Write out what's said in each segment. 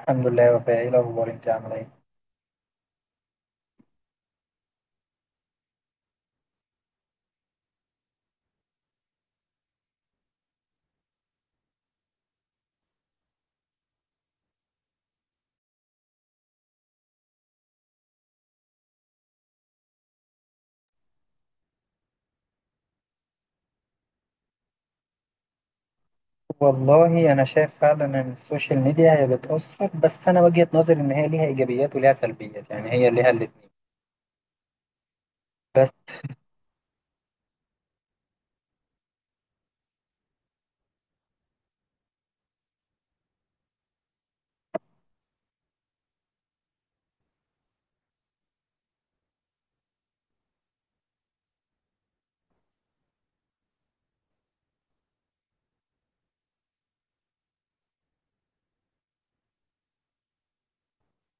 الحمد لله يا وفاء، ايه الاخبار؟ انت عامله ايه؟ والله انا شايف فعلا ان السوشيال ميديا هي بتاثر، بس انا وجهه نظري ان هي ليها ايجابيات وليها سلبيات، يعني هي ليها الاثنين. بس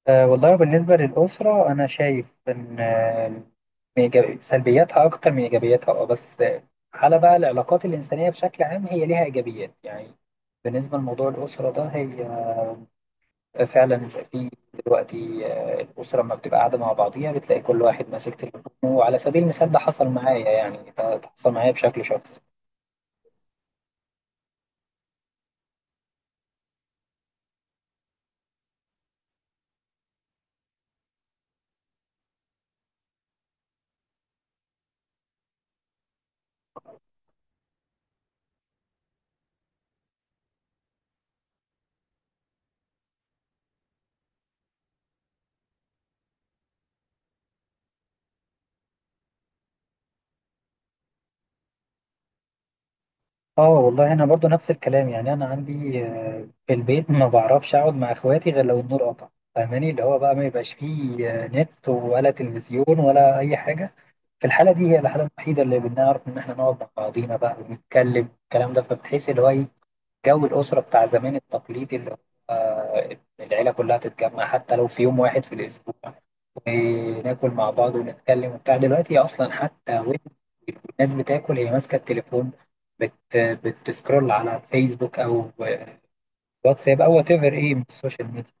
والله بالنسبه للاسره انا شايف ان سلبياتها اكتر من ايجابياتها. اه بس آه، على بقى العلاقات الانسانيه بشكل عام هي ليها ايجابيات، يعني بالنسبه لموضوع الاسره ده هي فعلا في دلوقتي. الأسرة لما بتبقى قاعدة مع بعضيها بتلاقي كل واحد ماسك تليفونه، وعلى سبيل المثال ده حصل معايا، يعني ده حصل معايا بشكل شخصي. اه والله انا برضو نفس الكلام، يعني انا عندي في البيت ما بعرفش اقعد مع اخواتي غير لو النور قطع، فاهماني؟ اللي هو بقى ما يبقاش فيه نت ولا تلفزيون ولا اي حاجه. في الحاله دي، هي الحاله الوحيده اللي بنعرف ان احنا نقعد مع بعضينا بقى ونتكلم الكلام ده، فبتحس اللي هو ايه، جو الأسرة بتاع زمان التقليدي، اللي هو العيلة كلها تتجمع حتى لو في يوم واحد في الأسبوع، وناكل مع بعض ونتكلم وبتاع. دلوقتي أصلا حتى وين الناس بتاكل هي ماسكة التليفون، بتسكرول على الفيسبوك أو واتساب أو وات ايفر إيه من السوشيال ميديا.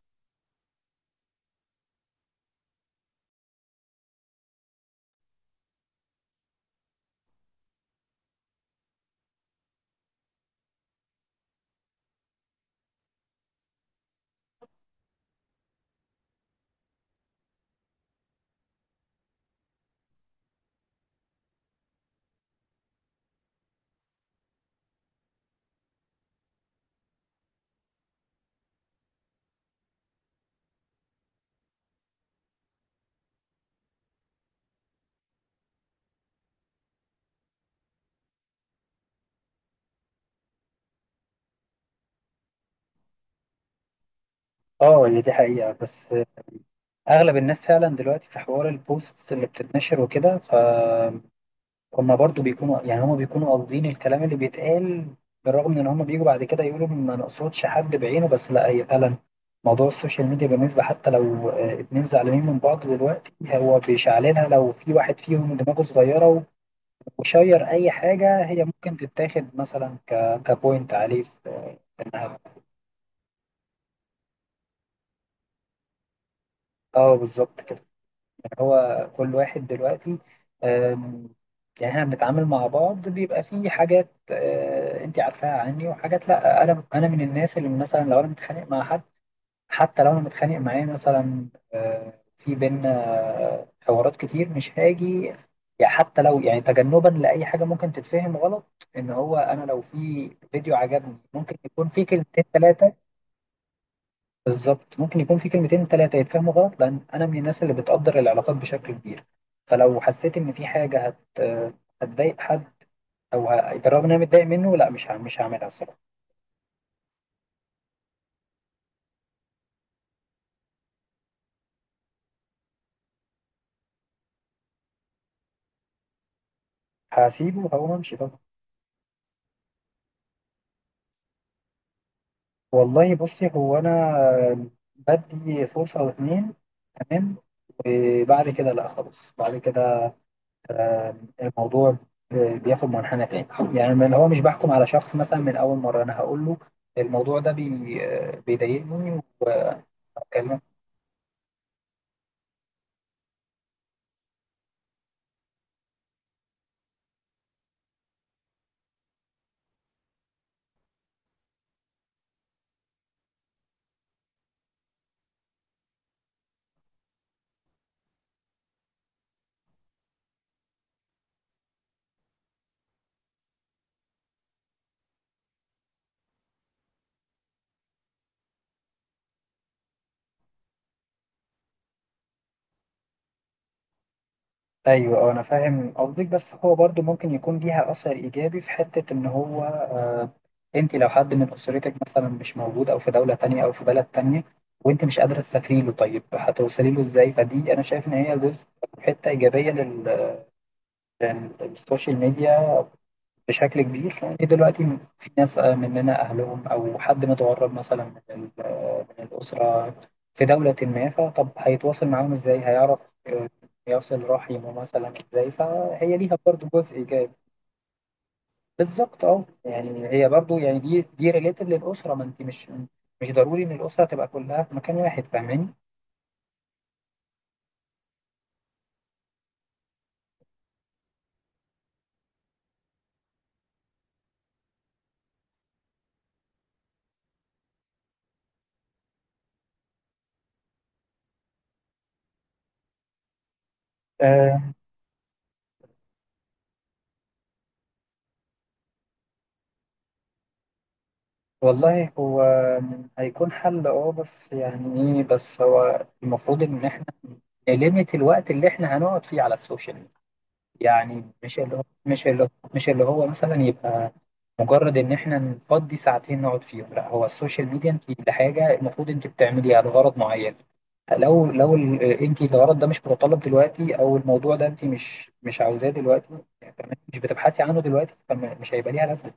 اه هي دي حقيقة. بس أغلب الناس فعلا دلوقتي في حوار البوستس اللي بتتنشر وكده، ف هما برضو بيكونوا، يعني هما بيكونوا قاصدين الكلام اللي بيتقال، بالرغم من ان هما بيجوا بعد كده يقولوا ما نقصدش حد بعينه. بس لا، هي فعلا موضوع السوشيال ميديا بالنسبة، حتى لو اتنين زعلانين من بعض دلوقتي، هو بيشعلنها. لو في واحد فيهم دماغه صغيرة وشير أي حاجة، هي ممكن تتاخد مثلا كبوينت عليه في إنها. اه بالظبط كده. هو كل واحد دلوقتي، آم، يعني احنا بنتعامل مع بعض بيبقى في حاجات، انت عارفاها عني، وحاجات لا. انا انا من الناس اللي مثلا لو انا متخانق مع حد، حتى لو انا متخانق معاه مثلا، آه، في بينا آه، حوارات كتير مش هاجي، يعني حتى لو، يعني تجنبا لاي حاجه ممكن تتفهم غلط. ان هو انا لو في فيديو عجبني ممكن يكون في كلمتين ثلاثه. بالظبط، ممكن يكون في كلمتين تلاتة يتفهموا غلط، لأن أنا من الناس اللي بتقدر العلاقات بشكل كبير. فلو حسيت إن في حاجة هتضايق حد، أو بالرغم إن أنا متضايق منه، لا، مش هعملها الصراحة. هسيبه وهقوم أمشي طبعا. والله بصي، هو أنا بدي فرصة أو اتنين، تمام، وبعد كده لا خلاص. بعد كده آه، الموضوع بياخد منحنى تاني، يعني من هو مش بحكم على شخص مثلا من أول مرة. أنا هقول له الموضوع ده بي... آه، بيضايقني، وهكلمك. ايوه، انا فاهم قصدك. بس هو برضو ممكن يكون ليها اثر ايجابي في حته، ان هو آه، انت لو حد من اسرتك مثلا مش موجود او في دوله تانية او في بلد تانية، وانت مش قادره تسافري له، طيب هتوصلي له ازاي؟ فدي انا شايف ان هي جزء، حته ايجابيه للسوشيال ميديا بشكل كبير. لأن دلوقتي في ناس مننا أهلهم أو حد متغرب مثلا من ال- آه، من الأسرة في دولة ما، فطب هيتواصل معاهم إزاي؟ هيعرف آه، يصل رحمه مثلا إزاي؟ فهي ليها برضو جزء إيجابي. بالظبط، أه، يعني هي برضو، يعني دي ريليتد للأسرة، ما أنت مش مش ضروري إن الأسرة تبقى كلها في مكان واحد، فاهماني؟ والله هو هيكون حل، اه، بس يعني ايه، بس هو المفروض ان احنا نليمت الوقت اللي احنا هنقعد فيه على السوشيال ميديا. يعني مش اللي هو، مثلا يبقى مجرد ان احنا نفضي ساعتين نقعد فيهم، لا. هو السوشيال ميديا انت لحاجه المفروض انت بتعمليها لغرض معين. لو انت الغرض ده مش متطلب دلوقتي، او الموضوع ده انت مش عاوزاه دلوقتي، يعني مش بتبحثي عنه دلوقتي، فمش هيبقى ليها لازمه.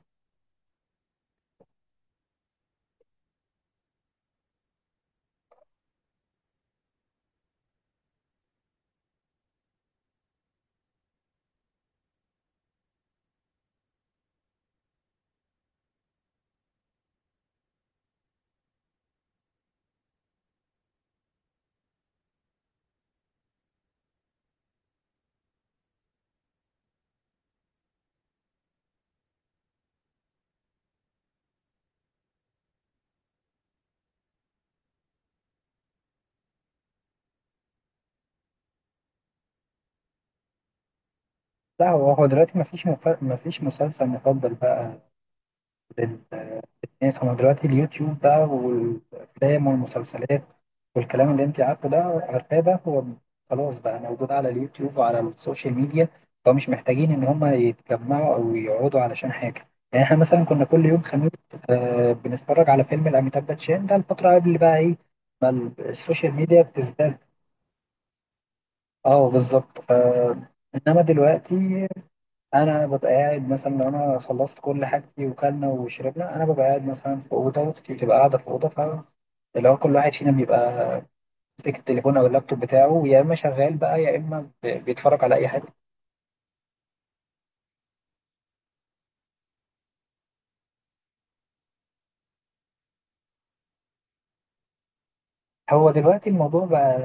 لا، هو دلوقتي مفيش مسلسل مفضل بقى للناس. هو دلوقتي اليوتيوب بقى والأفلام والمسلسلات والكلام اللي أنت عارفه ده عارفاه ده. هو خلاص بقى موجود على اليوتيوب وعلى السوشيال ميديا، فمش محتاجين إن هما يتجمعوا أو يقعدوا علشان حاجة. يعني إحنا مثلا كنا كل يوم خميس آه بنتفرج على فيلم لأميتاب باتشان، ده الفترة قبل بقى إيه السوشيال ميديا بتزداد. أه بالظبط. إنما دلوقتي انا ببقى قاعد مثلا، لو انا خلصت كل حاجتي وكلنا وشربنا، انا ببقى قاعد مثلا في اوضه وأختي بتبقى قاعده في اوضه، فاللي هو كل واحد فينا بيبقى ماسك التليفون او اللابتوب بتاعه، يا اما شغال بقى يا اما بيتفرج على اي حاجه. هو دلوقتي الموضوع بقى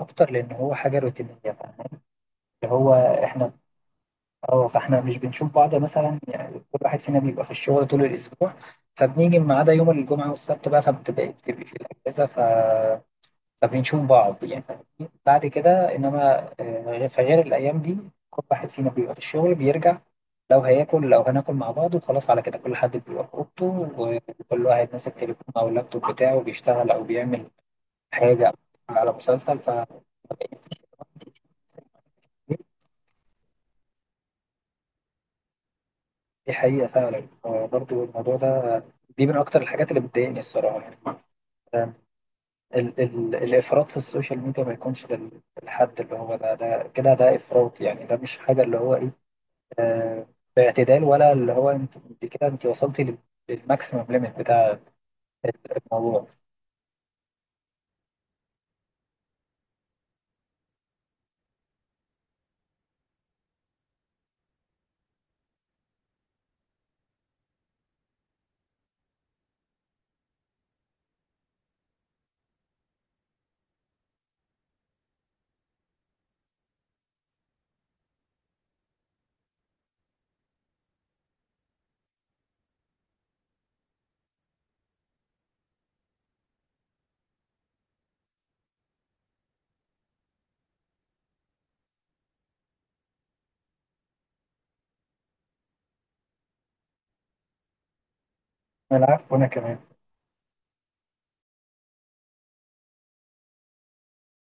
اكتر لان هو حاجه روتينيه بقى. اللي هو احنا، اه، فاحنا مش بنشوف بعض مثلا، يعني كل واحد فينا بيبقى في الشغل طول الاسبوع، فبنيجي ما عدا يوم الجمعه والسبت بقى، فبتبقى في الاجازه فبنشوف بعض يعني بعد كده. إنما في غير الأيام دي كل واحد فينا بيبقى في الشغل، بيرجع لو هياكل، لو هناكل مع بعض وخلاص، على كده كل حد بيبقى في أوضته وكل واحد ماسك تليفون أو اللابتوب بتاعه بيشتغل أو بيعمل حاجة أو بيتفرج على مسلسل، فدي حقيقة فعلا. برضو الموضوع ده، دي من أكتر الحاجات اللي بتضايقني الصراحة، يعني ال ال الإفراط في السوشيال ميديا، ما يكونش للحد اللي هو ده، ده كده ده إفراط، يعني ده مش حاجة اللي هو إيه، آه، باعتدال، ولا اللي هو انت كده انت وصلتي للماكسيمم ليميت بتاع الموضوع. العفو، وانا كمان.